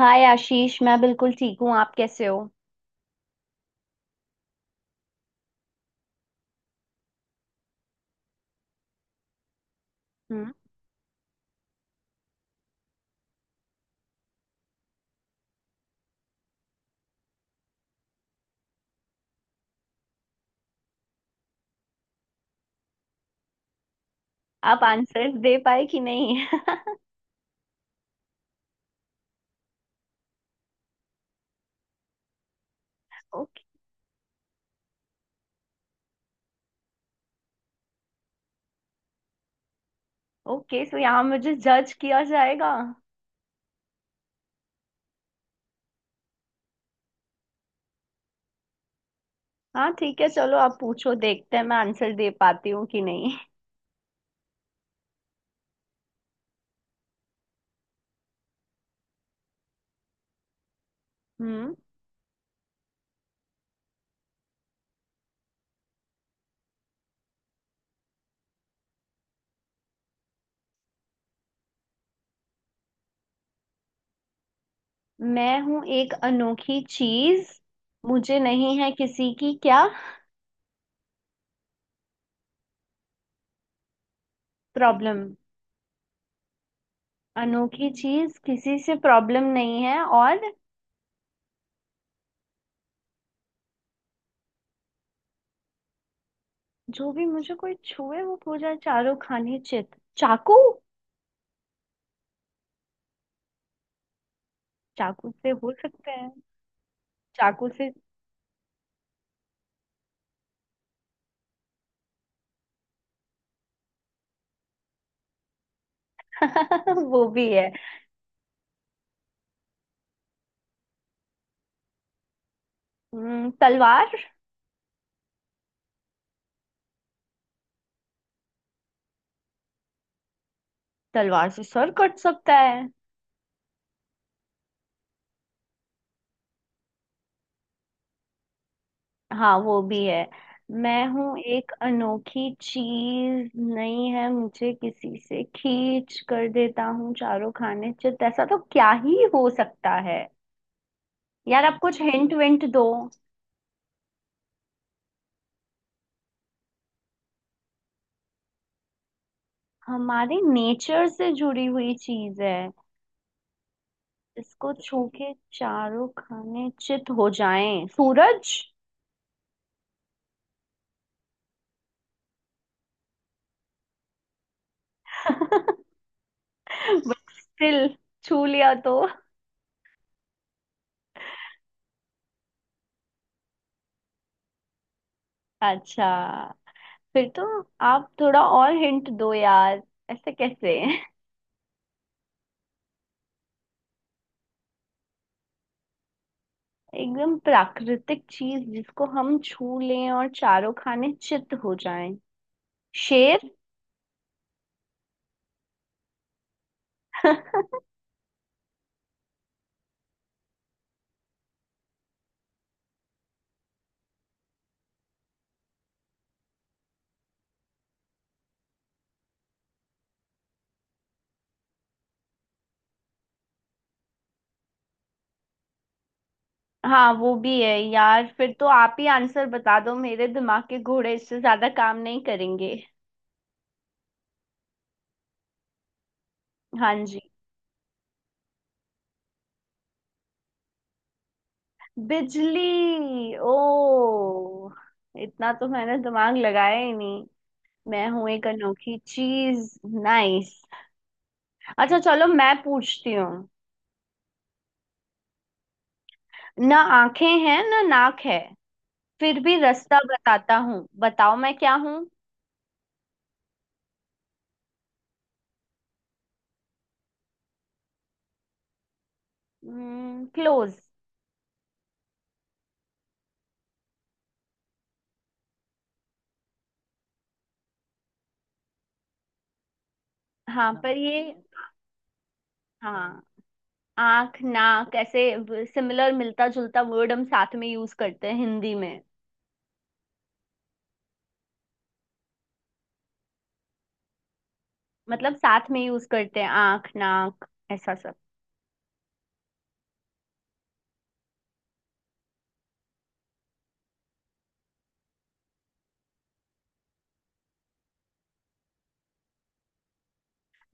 हाय आशीष, मैं बिल्कुल ठीक हूँ। आप कैसे हो? हम्म। आप आंसर दे पाए कि नहीं? ओके। ओके, सो यहाँ मुझे जज किया जाएगा। हाँ ठीक है, चलो आप पूछो, देखते हैं मैं आंसर दे पाती हूँ कि नहीं। हम्म। मैं हूँ एक अनोखी चीज मुझे नहीं है किसी की क्या? प्रॉब्लम। अनोखी चीज किसी से प्रॉब्लम नहीं है, और जो भी मुझे कोई छुए वो पूजा चारों खाने चित। चाकू। चाकू से हो सकते हैं। चाकू से। वो भी है। तलवार। तलवार से सर कट सकता है। हाँ वो भी है। मैं हूँ एक अनोखी चीज नहीं है मुझे किसी से खींच, कर देता हूँ चारों खाने चित। ऐसा तो क्या ही हो सकता है। यार आप कुछ हिंट विंट दो। हमारे नेचर से जुड़ी हुई चीज है। इसको छू के चारों खाने चित हो जाएं। सूरज। बट स्टिल छू लिया तो? अच्छा, फिर तो आप थोड़ा और हिंट दो यार। ऐसे कैसे? एकदम प्राकृतिक चीज जिसको हम छू लें और चारों खाने चित्त हो जाएं। शेर। हाँ वो भी है यार, फिर तो आप ही आंसर बता दो, मेरे दिमाग के घोड़े इससे ज्यादा काम नहीं करेंगे। हाँ जी। बिजली! ओ! इतना तो मैंने दिमाग लगाया ही नहीं। मैं हूं एक अनोखी चीज नाइस। अच्छा चलो मैं पूछती हूँ। ना आंखें हैं ना नाक है, फिर भी रास्ता बताता हूँ, बताओ मैं क्या हूँ? क्लोज। हाँ पर ये हाँ आंख नाक ऐसे सिमिलर, मिलता जुलता वर्ड हम साथ में यूज करते हैं हिंदी में। मतलब साथ में यूज करते हैं आंख नाक ऐसा सब।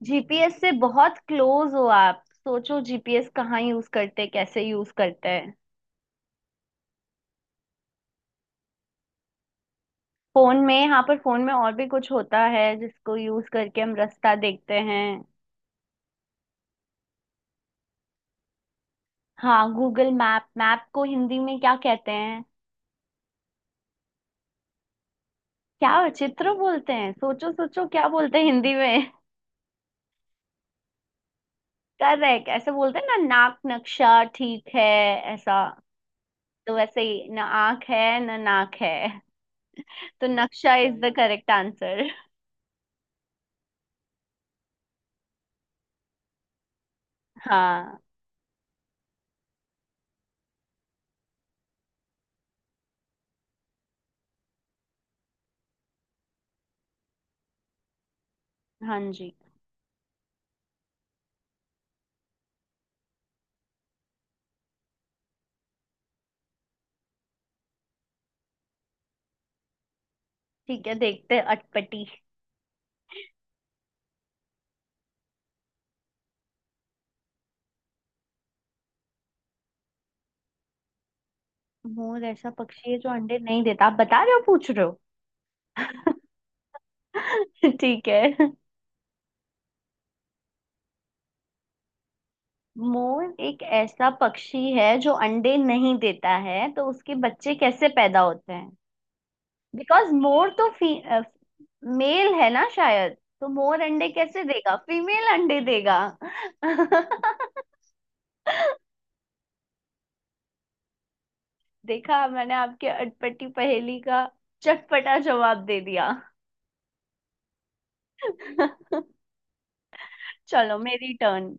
जीपीएस से बहुत क्लोज हो, आप सोचो जीपीएस कहाँ यूज करते हैं, कैसे यूज करते हैं। फोन में, यहाँ पर फोन में और भी कुछ होता है जिसको यूज करके हम रास्ता देखते हैं। हाँ गूगल मैप। मैप को हिंदी में क्या कहते हैं? क्या चित्र बोलते हैं? सोचो सोचो, क्या बोलते हैं हिंदी में? करेक्ट, ऐसे बोलते हैं ना नाक, नक्शा, ठीक है? ऐसा। तो वैसे ही ना आंख है ना नाक है। तो नक्शा इज द करेक्ट आंसर। हाँ। हाँ जी। ठीक है देखते हैं, अटपटी। मोर ऐसा पक्षी है जो अंडे नहीं देता, आप बता रहे हो, पूछ रहे हो? ठीक है। मोर एक ऐसा पक्षी है जो अंडे नहीं देता है, तो उसके बच्चे कैसे पैदा होते हैं? बिकॉज मोर तो मेल है ना शायद, तो मोर अंडे कैसे देगा? फीमेल अंडे देगा। देखा, मैंने आपके अटपटी पहेली का चटपटा जवाब दे दिया। चलो मेरी टर्न।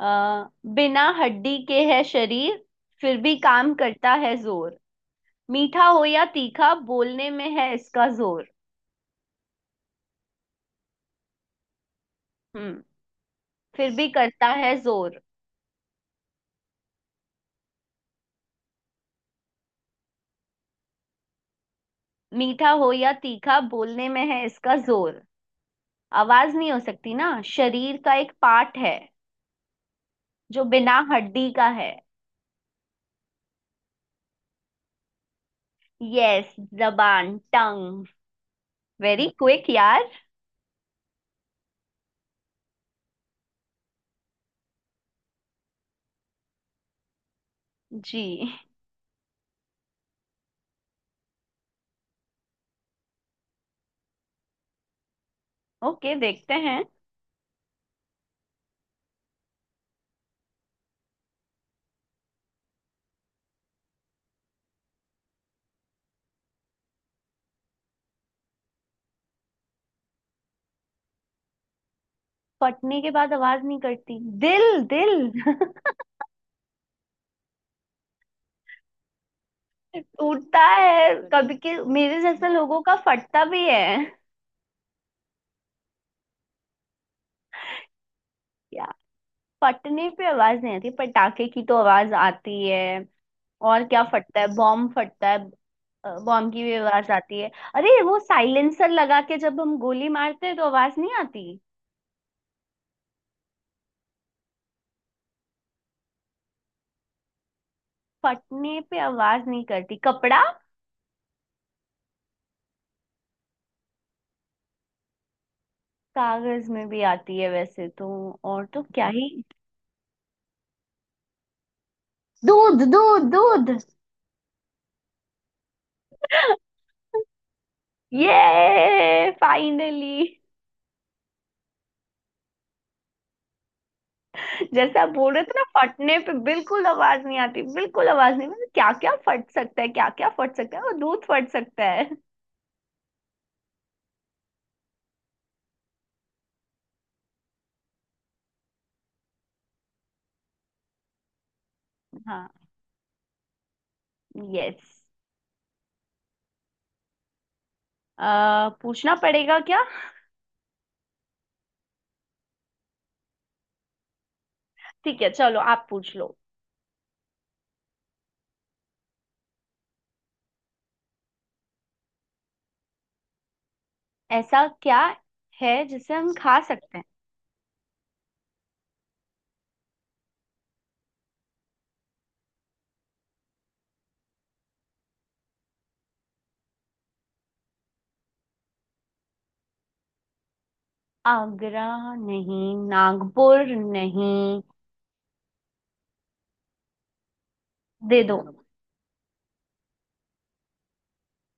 आ, बिना हड्डी के है शरीर, फिर भी काम करता है जोर मीठा हो या तीखा, बोलने में है इसका जोर हम्म। फिर भी करता है जोर मीठा हो या तीखा बोलने में है इसका जोर आवाज नहीं हो सकती ना, शरीर का एक पार्ट है जो बिना हड्डी का है। यस। जबान टंग। वेरी क्विक यार। जी। ओके देखते हैं। फटने के बाद आवाज नहीं करती? दिल, दिल। टूटता है कभी, के मेरे जैसे लोगों का फटता भी है। क्या? फटने पे आवाज नहीं आती? पटाखे की तो आवाज आती है। और क्या फटता है? बॉम्ब फटता है, बॉम्ब की भी आवाज आती है। अरे वो साइलेंसर लगा के जब हम गोली मारते हैं तो आवाज नहीं आती। फटने पे आवाज नहीं करती, कपड़ा। कागज में भी आती है वैसे तो। और तो क्या ही। दूध, दूध, दूध! ये फाइनली। जैसा आप बोल रहे थे ना, फटने पे बिल्कुल आवाज नहीं आती, बिल्कुल आवाज नहीं, मतलब क्या क्या फट सकता है, क्या क्या फट सकता है, वो दूध फट सकता है। हाँ। यस। पूछना पड़ेगा क्या? ठीक है चलो आप पूछ लो। ऐसा क्या है जिसे हम खा सकते हैं? आगरा? नहीं, नागपुर? नहीं, दे दो।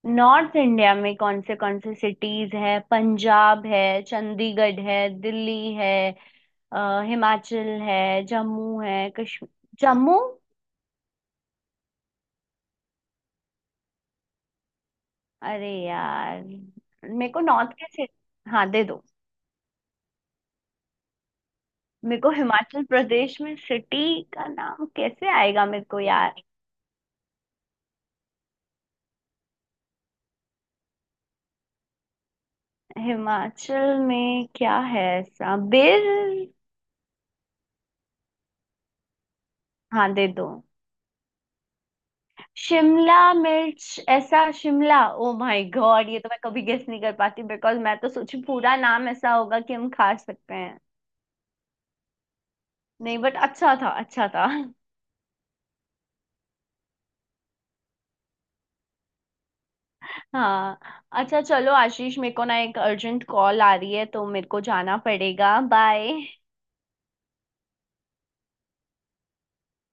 नॉर्थ इंडिया में कौन से सिटीज है? पंजाब है, चंडीगढ़ है, दिल्ली है, हिमाचल है, जम्मू है, कश्मीर, जम्मू। अरे यार, मेरे को नॉर्थ के सिटी हाँ दे दो। मेरे को हिमाचल प्रदेश में सिटी का नाम कैसे आएगा मेरे को यार? हिमाचल में क्या है ऐसा? बेर? हाँ दे दो। शिमला मिर्च, ऐसा शिमला! ओ माय गॉड, ये तो मैं कभी गेस नहीं कर पाती, बिकॉज मैं तो सोची पूरा नाम ऐसा होगा कि हम खा सकते हैं। नहीं बट अच्छा था, अच्छा था। हाँ। अच्छा चलो आशीष, मेरे को ना एक अर्जेंट कॉल आ रही है तो मेरे को जाना पड़ेगा, बाय।